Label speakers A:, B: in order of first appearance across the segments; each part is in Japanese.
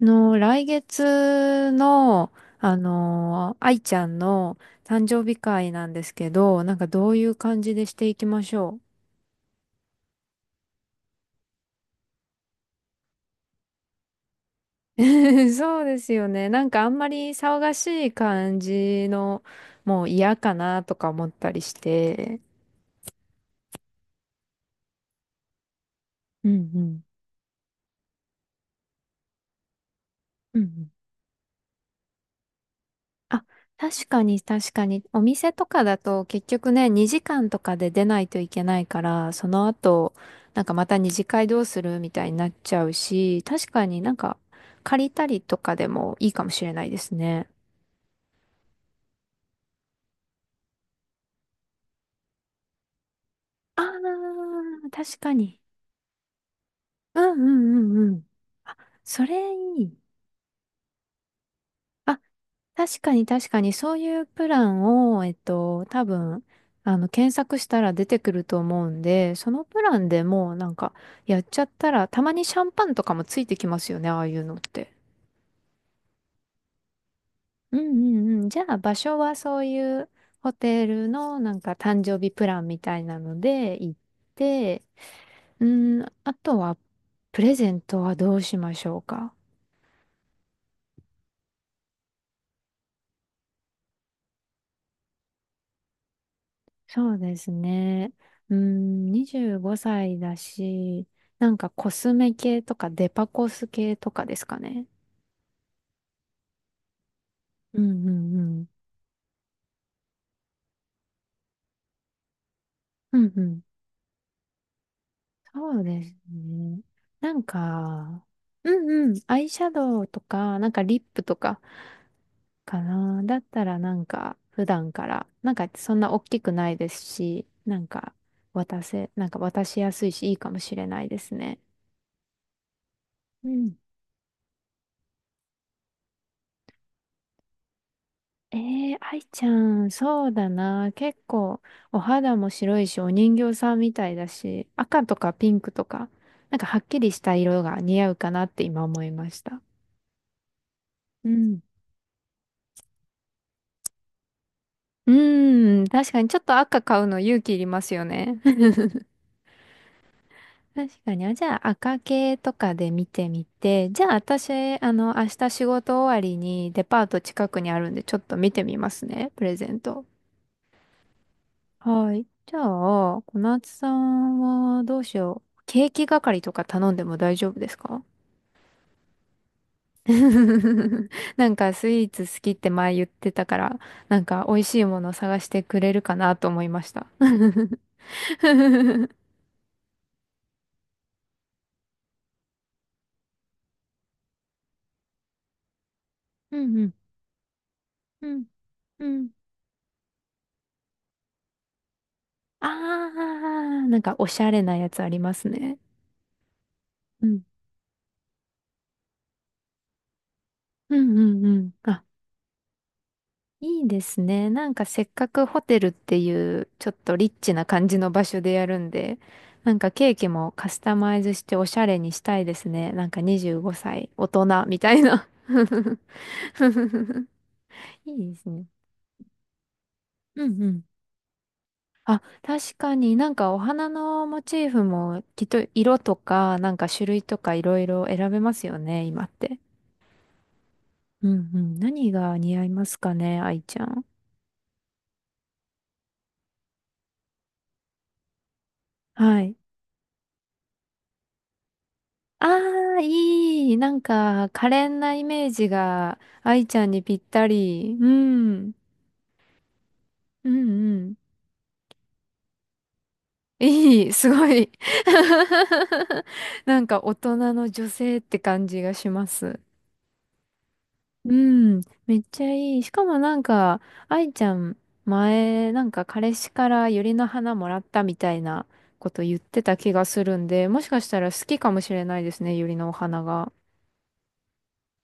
A: の、来月の、あの愛ちゃんの誕生日会なんですけど、なんかどういう感じでしていきましょう。そうですよね。なんかあんまり騒がしい感じの、もう嫌かなとか思ったりして。うんうん。うんうん。あ、確かに確かに。お店とかだと結局ね、2時間とかで出ないといけないから、その後、なんかまた二次会どうするみたいになっちゃうし、確かになんか借りたりとかでもいいかもしれないですね。ああ、確かに。うんうんうんうん。それいい。あ、確かに確かに、そういうプランを、多分、検索したら出てくると思うんで、そのプランでもうなんか、やっちゃったら、たまにシャンパンとかもついてきますよね、ああいうのって。うんうんうん。じゃあ、場所はそういうホテルのなんか誕生日プランみたいなので行って、うん、あとは、プレゼントはどうしましょうか。そうですね。うん、25歳だし、なんかコスメ系とかデパコス系とかですかね。うんうんうん。うんうん。そうですね。なんか、うんうん。アイシャドウとか、なんかリップとかかな。だったらなんか普段から、なんかそんな大きくないですし、なんか渡せ、なんか渡しやすいしいいかもしれないですね。うん。ええー愛ちゃん、そうだな。結構、お肌も白いし、お人形さんみたいだし、赤とかピンクとか、なんかはっきりした色が似合うかなって今思いました。うん。うーん、確かにちょっと赤買うの勇気いりますよね。確かに。あ、じゃあ赤系とかで見てみて、じゃあ私、明日仕事終わりにデパート近くにあるんで、ちょっと見てみますね、プレゼント。はい。じゃあ、小夏さんはどうしよう。ケーキ係とか頼んでも大丈夫ですか？ なんかスイーツ好きって前言ってたから、なんか美味しいものを探してくれるかなと思いました。うんうん。うん。うん。ああ、なんかおしゃれなやつありますね。うん。うんうんうん。あ、いいですね。なんかせっかくホテルっていうちょっとリッチな感じの場所でやるんで、なんかケーキもカスタマイズしておしゃれにしたいですね。なんか25歳大人みたいな。いいですね。うんうん。あ、確かになんかお花のモチーフもきっと色とかなんか種類とかいろいろ選べますよね、今って。うんうん。何が似合いますかね、愛ちゃん。はい。ああ、いい。なんか、可憐なイメージが、愛ちゃんにぴったり。うん。うんうん。いい。すごい。なんか、大人の女性って感じがします。うん。めっちゃいい。しかもなんか、愛ちゃん、前、なんか、彼氏から百合の花もらったみたいなこと言ってた気がするんで、もしかしたら好きかもしれないですね、百合のお花が。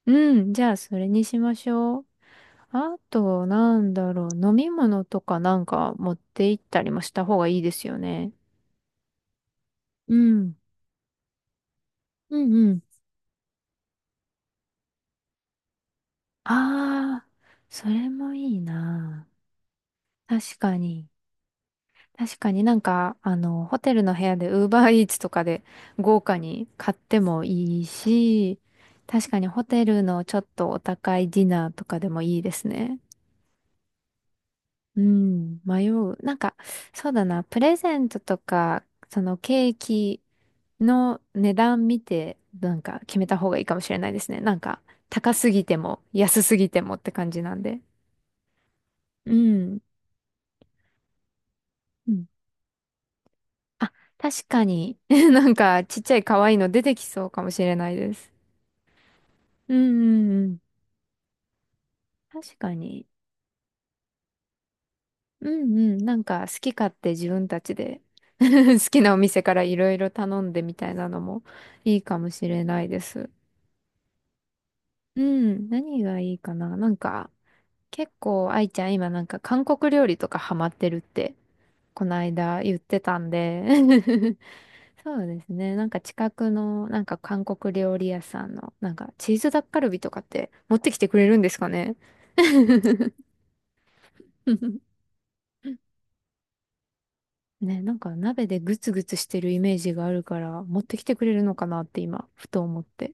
A: うん。じゃあ、それにしましょう。あと、なんだろう、飲み物とかなんか持って行ったりもした方がいいですよね。うん。うんうん。ああ、それもいいな。確かに。確かになんか、ホテルの部屋でウーバーイーツとかで豪華に買ってもいいし、確かにホテルのちょっとお高いディナーとかでもいいですね。うん、迷う。なんか、そうだな、プレゼントとか、そのケーキ、の値段見て、なんか決めた方がいいかもしれないですね。なんか、高すぎても、安すぎてもって感じなんで。うん。うん。あ、確かに。なんか、ちっちゃい可愛いの出てきそうかもしれないです。うんうんうん。確かに。うんうん。なんか、好き勝手自分たちで 好きなお店からいろいろ頼んでみたいなのもいいかもしれないです。うん。何がいいかな。なんか、結構、愛ちゃん今なんか韓国料理とかハマってるってこの間言ってたんで。 そうですね。なんか近くの、なんか韓国料理屋さんの、なんかチーズタッカルビとかって持ってきてくれるんですかね？ ね、なんか鍋でグツグツしてるイメージがあるから、持ってきてくれるのかなって今、ふと思って。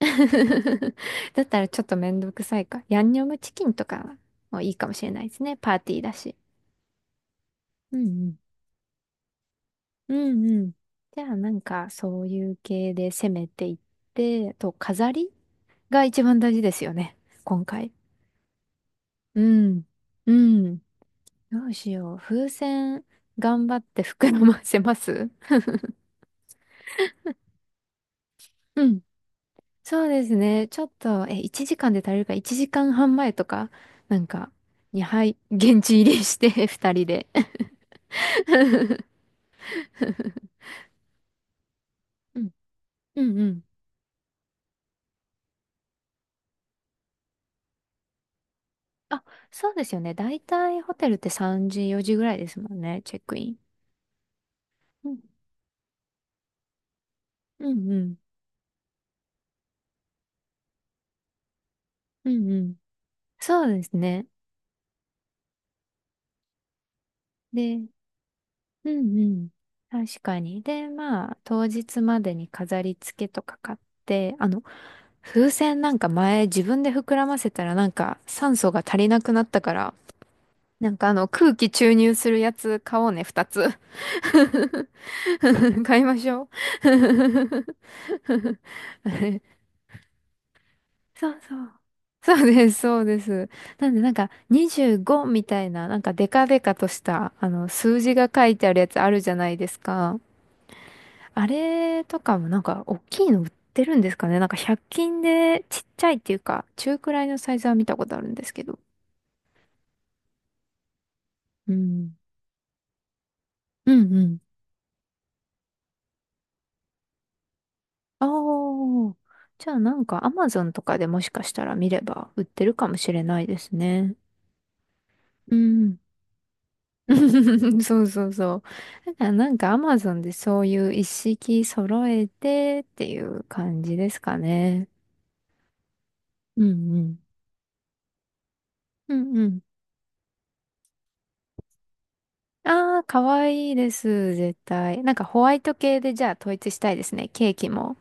A: だったらちょっとめんどくさいか。ヤンニョムチキンとかもいいかもしれないですね。パーティーだし。うんうんうんうん。じゃあなんかそういう系で攻めていって、と飾りが一番大事ですよね。今回。うん。うん。どうしよう。風船頑張って膨らませます。うん。そうですね。ちょっと、1時間で足りるか1時間半前とか、なんか、に、はい、現地入りして2人 で。うんうんうん。あ、そうですよね。だいたいホテルって3時、4時ぐらいですもんね。チェックイン。うんうんうん。うんうん。そうですね。で、うんうん。確かに。で、まあ、当日までに飾り付けとか買って、風船なんか前自分で膨らませたらなんか酸素が足りなくなったから、なんかあの空気注入するやつ買おうね、二つ。買いましょう。あれ、そうそう。そうです、そうです。なんで、なんか、25みたいな、なんか、デカデカとした、数字が書いてあるやつあるじゃないですか。あれとかも、なんか、大きいの売ってるんですかね。なんか、100均で、ちっちゃいっていうか、中くらいのサイズは見たことあるんですけど。うん。うんうん。ああ。じゃあ、なんか、アマゾンとかでもしかしたら見れば、売ってるかもしれないですね。うん。そうそうそう。だからなんかアマゾンでそういう一式揃えてっていう感じですかね。うんうん。うんうん。ああ、かわいいです、絶対。なんかホワイト系でじゃあ統一したいですね。ケーキも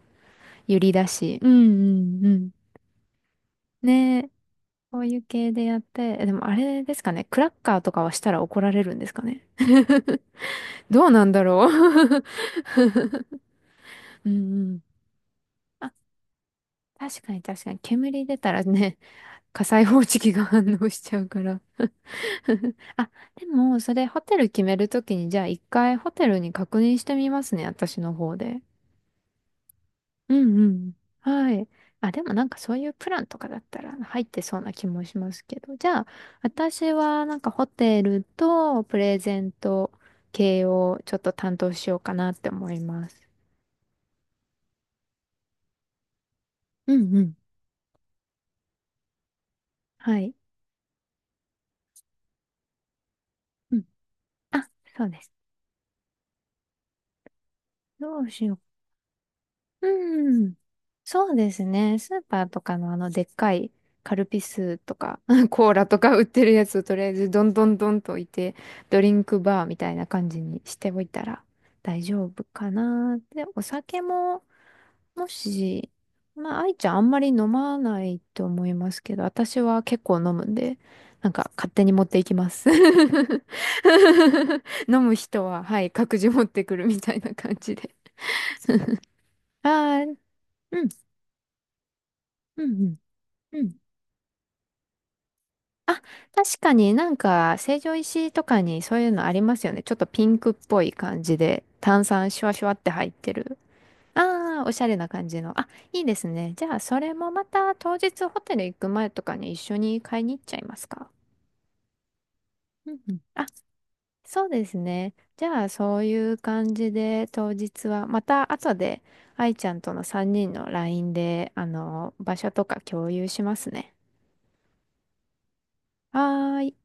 A: ユリだし。うんうんうん。ねえ、こういう系でやって。でもあれですかね。クラッカーとかはしたら怒られるんですかね。どうなんだろう。うんうん。あ、確かに確かに。煙出たらね。火災報知器が反応しちゃうから。あ、でも、それホテル決めるときに、じゃあ一回ホテルに確認してみますね、私の方で。うんうん。はい。あ、でもなんかそういうプランとかだったら入ってそうな気もしますけど。じゃあ、私はなんかホテルとプレゼント系をちょっと担当しようかなって思います。うんうん。はい。うん。あ、そうです。どうしよう。うん。そうですね。スーパーとかのあのでっかいカルピスとか、コーラとか売ってるやつをとりあえずどんどんどんと置いて、ドリンクバーみたいな感じにしておいたら大丈夫かな。で、お酒も、もし、まあ、愛ちゃんあんまり飲まないと思いますけど、私は結構飲むんで、なんか勝手に持っていきます。飲む人は、はい、各自持ってくるみたいな感じで。ああ、うん、うん、うん。うん。あ、確かになんか成城石井とかにそういうのありますよね。ちょっとピンクっぽい感じで炭酸シュワシュワって入ってる。ああ、おしゃれな感じの。あ、いいですね。じゃあそれもまた当日ホテル行く前とかに一緒に買いに行っちゃいますか。うんうん。あ、そうですね。じゃあそういう感じで当日はまた後で愛ちゃんとの3人の LINE であの場所とか共有しますね。はーい。